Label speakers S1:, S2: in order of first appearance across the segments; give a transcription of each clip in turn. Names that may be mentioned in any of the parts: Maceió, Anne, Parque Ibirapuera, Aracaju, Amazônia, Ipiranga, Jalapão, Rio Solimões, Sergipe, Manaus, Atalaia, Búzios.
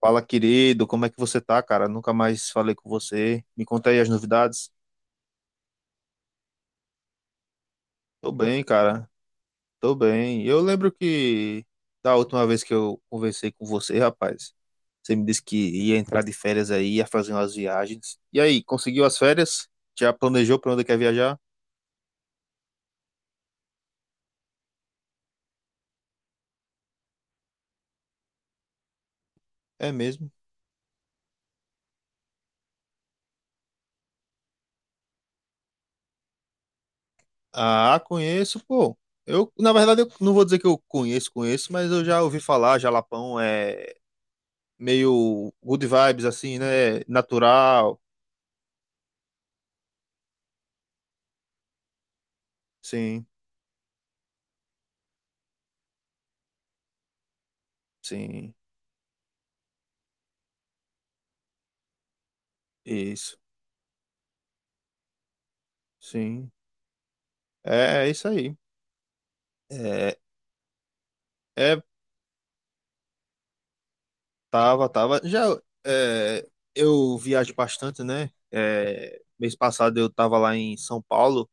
S1: Fala, querido, como é que você tá, cara? Nunca mais falei com você. Me conta aí as novidades. Tô bem, cara. Tô bem. Eu lembro que da última vez que eu conversei com você, rapaz, você me disse que ia entrar de férias aí, ia fazer umas viagens. E aí, conseguiu as férias? Já planejou pra onde quer viajar? É mesmo? Ah, conheço, pô. Eu, na verdade, eu não vou dizer que eu conheço, conheço, mas eu já ouvi falar, Jalapão é meio good vibes assim, né? Natural. Sim, sim. Isso, sim. É, é isso aí. É, é, tava, tava. Já é, eu viajo bastante, né? É, mês passado eu tava lá em São Paulo.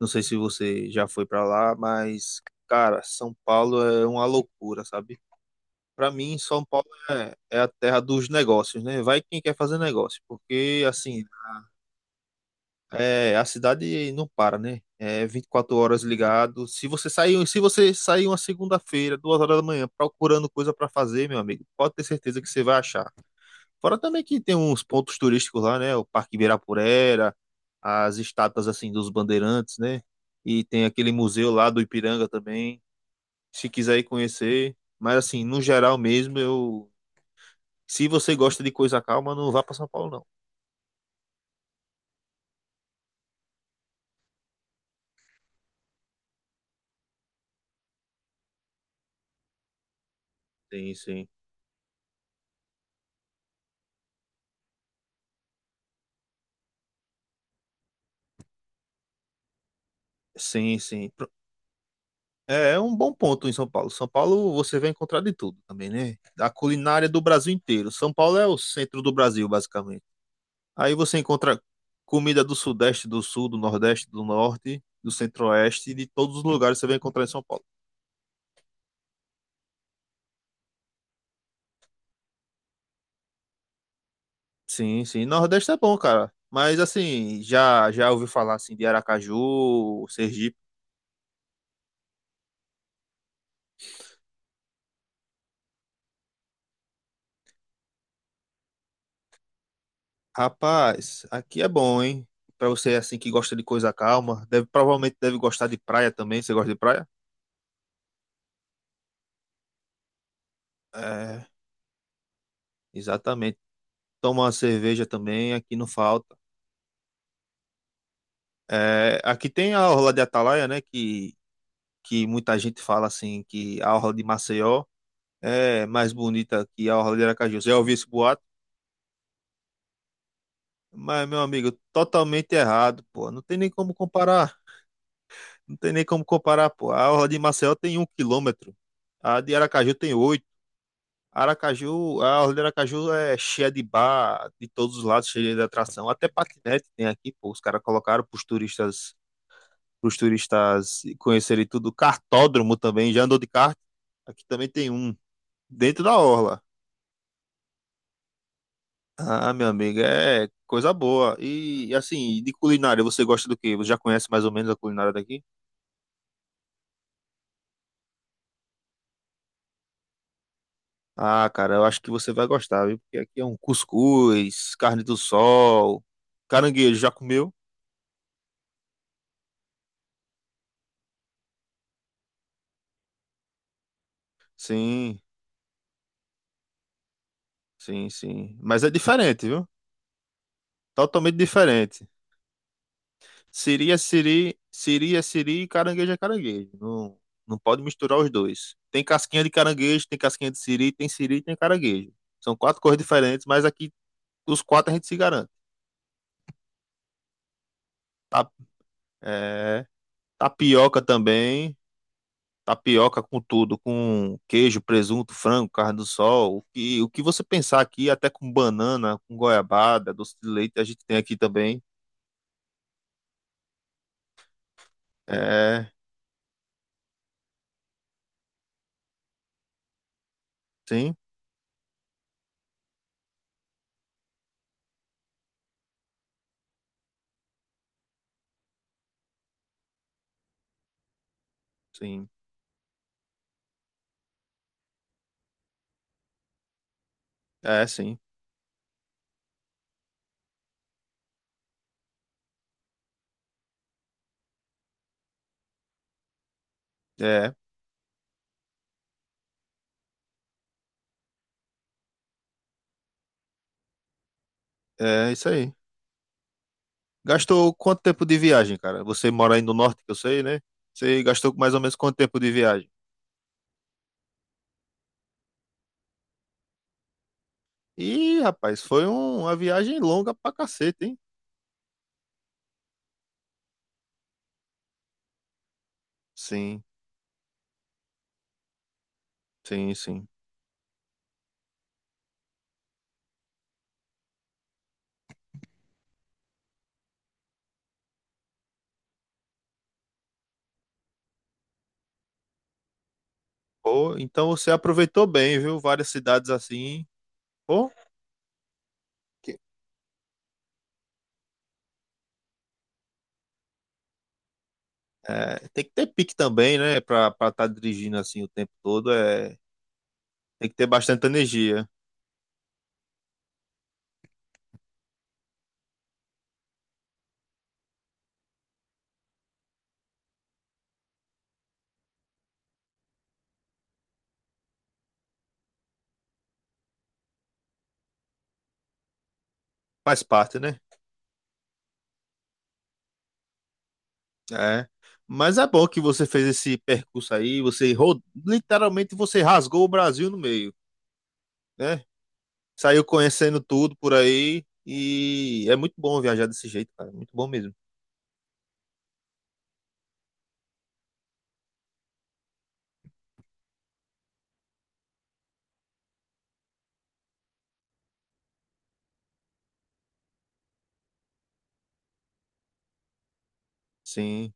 S1: Não sei se você já foi pra lá, mas, cara, São Paulo é uma loucura, sabe? Pra mim, São Paulo é a terra dos negócios, né? Vai quem quer fazer negócio, porque, assim, é, a cidade não para, né? É 24 horas ligado. Se você sair uma segunda-feira, 2 horas da manhã, procurando coisa para fazer, meu amigo, pode ter certeza que você vai achar. Fora também que tem uns pontos turísticos lá, né? O Parque Ibirapuera, as estátuas assim dos bandeirantes, né? E tem aquele museu lá do Ipiranga também, se quiser ir conhecer. Mas assim, no geral mesmo, eu, se você gosta de coisa calma, não vá para São Paulo, não. Sim, sim. Sim, sim. É um bom ponto em São Paulo. São Paulo você vai encontrar de tudo também, né? A culinária do Brasil inteiro. São Paulo é o centro do Brasil, basicamente. Aí você encontra comida do Sudeste, do Sul, do Nordeste, do Norte, do Centro-Oeste, de todos os lugares você vai encontrar em São Paulo. Sim, sim. Nordeste é bom, cara. Mas assim, já ouvi falar assim de Aracaju, Sergipe. Rapaz, aqui é bom, hein? Pra você assim que gosta de coisa calma, deve provavelmente deve gostar de praia também. Você gosta de praia? É, exatamente. Toma uma cerveja também, aqui não falta. É, aqui tem a orla de Atalaia, né? Que muita gente fala assim que a orla de Maceió é mais bonita que a orla de Aracaju. Já ouviu esse boato? Mas, meu amigo, totalmente errado, pô. Não tem nem como comparar. Não tem nem como comparar, pô. A orla de Maceió tem 1 quilômetro. A de Aracaju tem oito. Aracaju, a orla de Aracaju é cheia de bar, de todos os lados, cheia de atração. Até patinete tem aqui, pô. Os caras colocaram para os turistas conhecerem tudo. Kartódromo também, já andou de kart? Aqui também tem um, dentro da orla. Ah, meu amigo, é coisa boa. E assim, de culinária, você gosta do quê? Você já conhece mais ou menos a culinária daqui? Ah, cara, eu acho que você vai gostar, viu? Porque aqui é um cuscuz, carne do sol, caranguejo, já comeu? Sim, sim, sim. Mas é diferente, viu? Totalmente diferente. Siri é siri e caranguejo é caranguejo. Não, não pode misturar os dois. Tem casquinha de caranguejo, tem casquinha de siri, tem siri e tem caranguejo. São quatro cores diferentes, mas aqui os quatro a gente se garante. Tá, é, tapioca também. Tapioca com tudo, com queijo, presunto, frango, carne do sol. O que você pensar aqui, até com banana, com goiabada, doce de leite, a gente tem aqui também. É, sim, sim. É, sim. É, é isso aí. Gastou quanto tempo de viagem, cara? Você mora aí no norte, que eu sei, né? Você gastou mais ou menos quanto tempo de viagem? Ih, rapaz, foi uma viagem longa pra cacete, hein? Sim, sim, sim. Pô, então você aproveitou bem, viu? Várias cidades assim. Pô, que- é, tem que ter pique também, né? Pra estar tá dirigindo assim o tempo todo. É, tem que ter bastante energia. Faz parte, né? É. Mas é bom que você fez esse percurso aí. Você literalmente você rasgou o Brasil no meio, né? Saiu conhecendo tudo por aí e é muito bom viajar desse jeito, cara. Muito bom mesmo. Sim,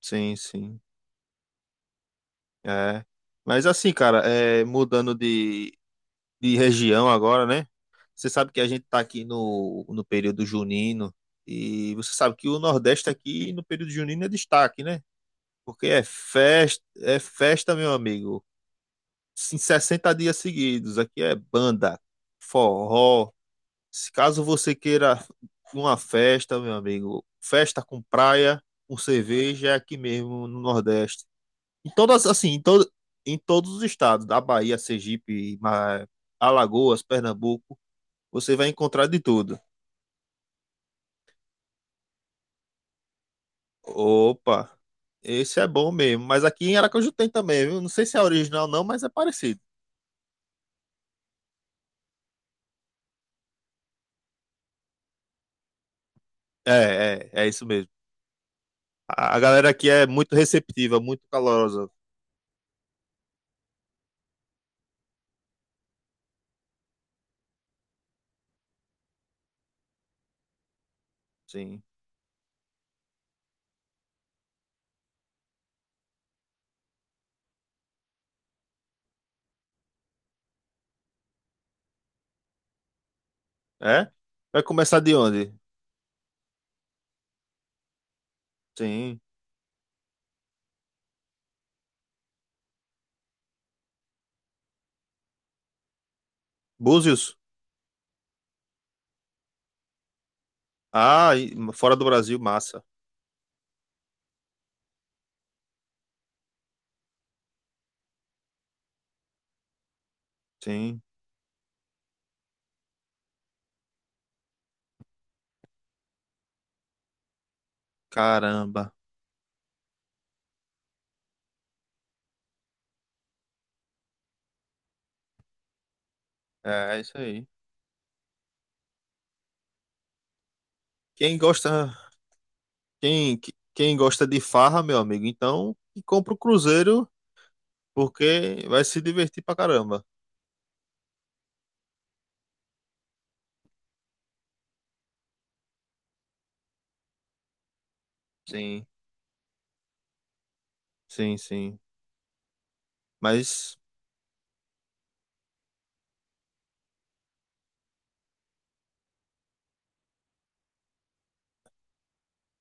S1: sim, sim. É. Mas assim, cara, é, mudando de região agora, né? Você sabe que a gente tá aqui no período junino e você sabe que o Nordeste aqui no período junino é destaque, né? Porque é festa, meu amigo. Em 60 dias seguidos. Aqui é banda, forró. Se caso você queira uma festa, meu amigo, festa com praia, com cerveja, é aqui mesmo no Nordeste. Em todas, assim, em todos os estados, da Bahia, Sergipe, Alagoas, Pernambuco, você vai encontrar de tudo. Opa, esse é bom mesmo. Mas aqui em Aracaju tem também, viu? Não sei se é original não, mas é parecido. É, é, é isso mesmo. A galera aqui é muito receptiva, muito calorosa. Sim. É? Vai começar de onde? Sim. Búzios? Ah, e fora do Brasil, massa. Sim, caramba. É, é isso aí. Quem gosta, quem, quem gosta de farra, meu amigo, então que compra o cruzeiro, porque vai se divertir pra caramba. Sim, sim, sim. Mas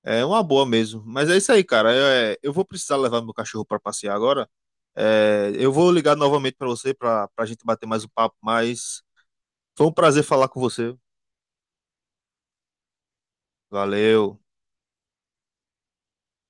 S1: é uma boa mesmo. Mas é isso aí, cara. Eu vou precisar levar meu cachorro pra passear agora. É, eu vou ligar novamente pra você pra, gente bater mais um papo, mas foi um prazer falar com você. Valeu.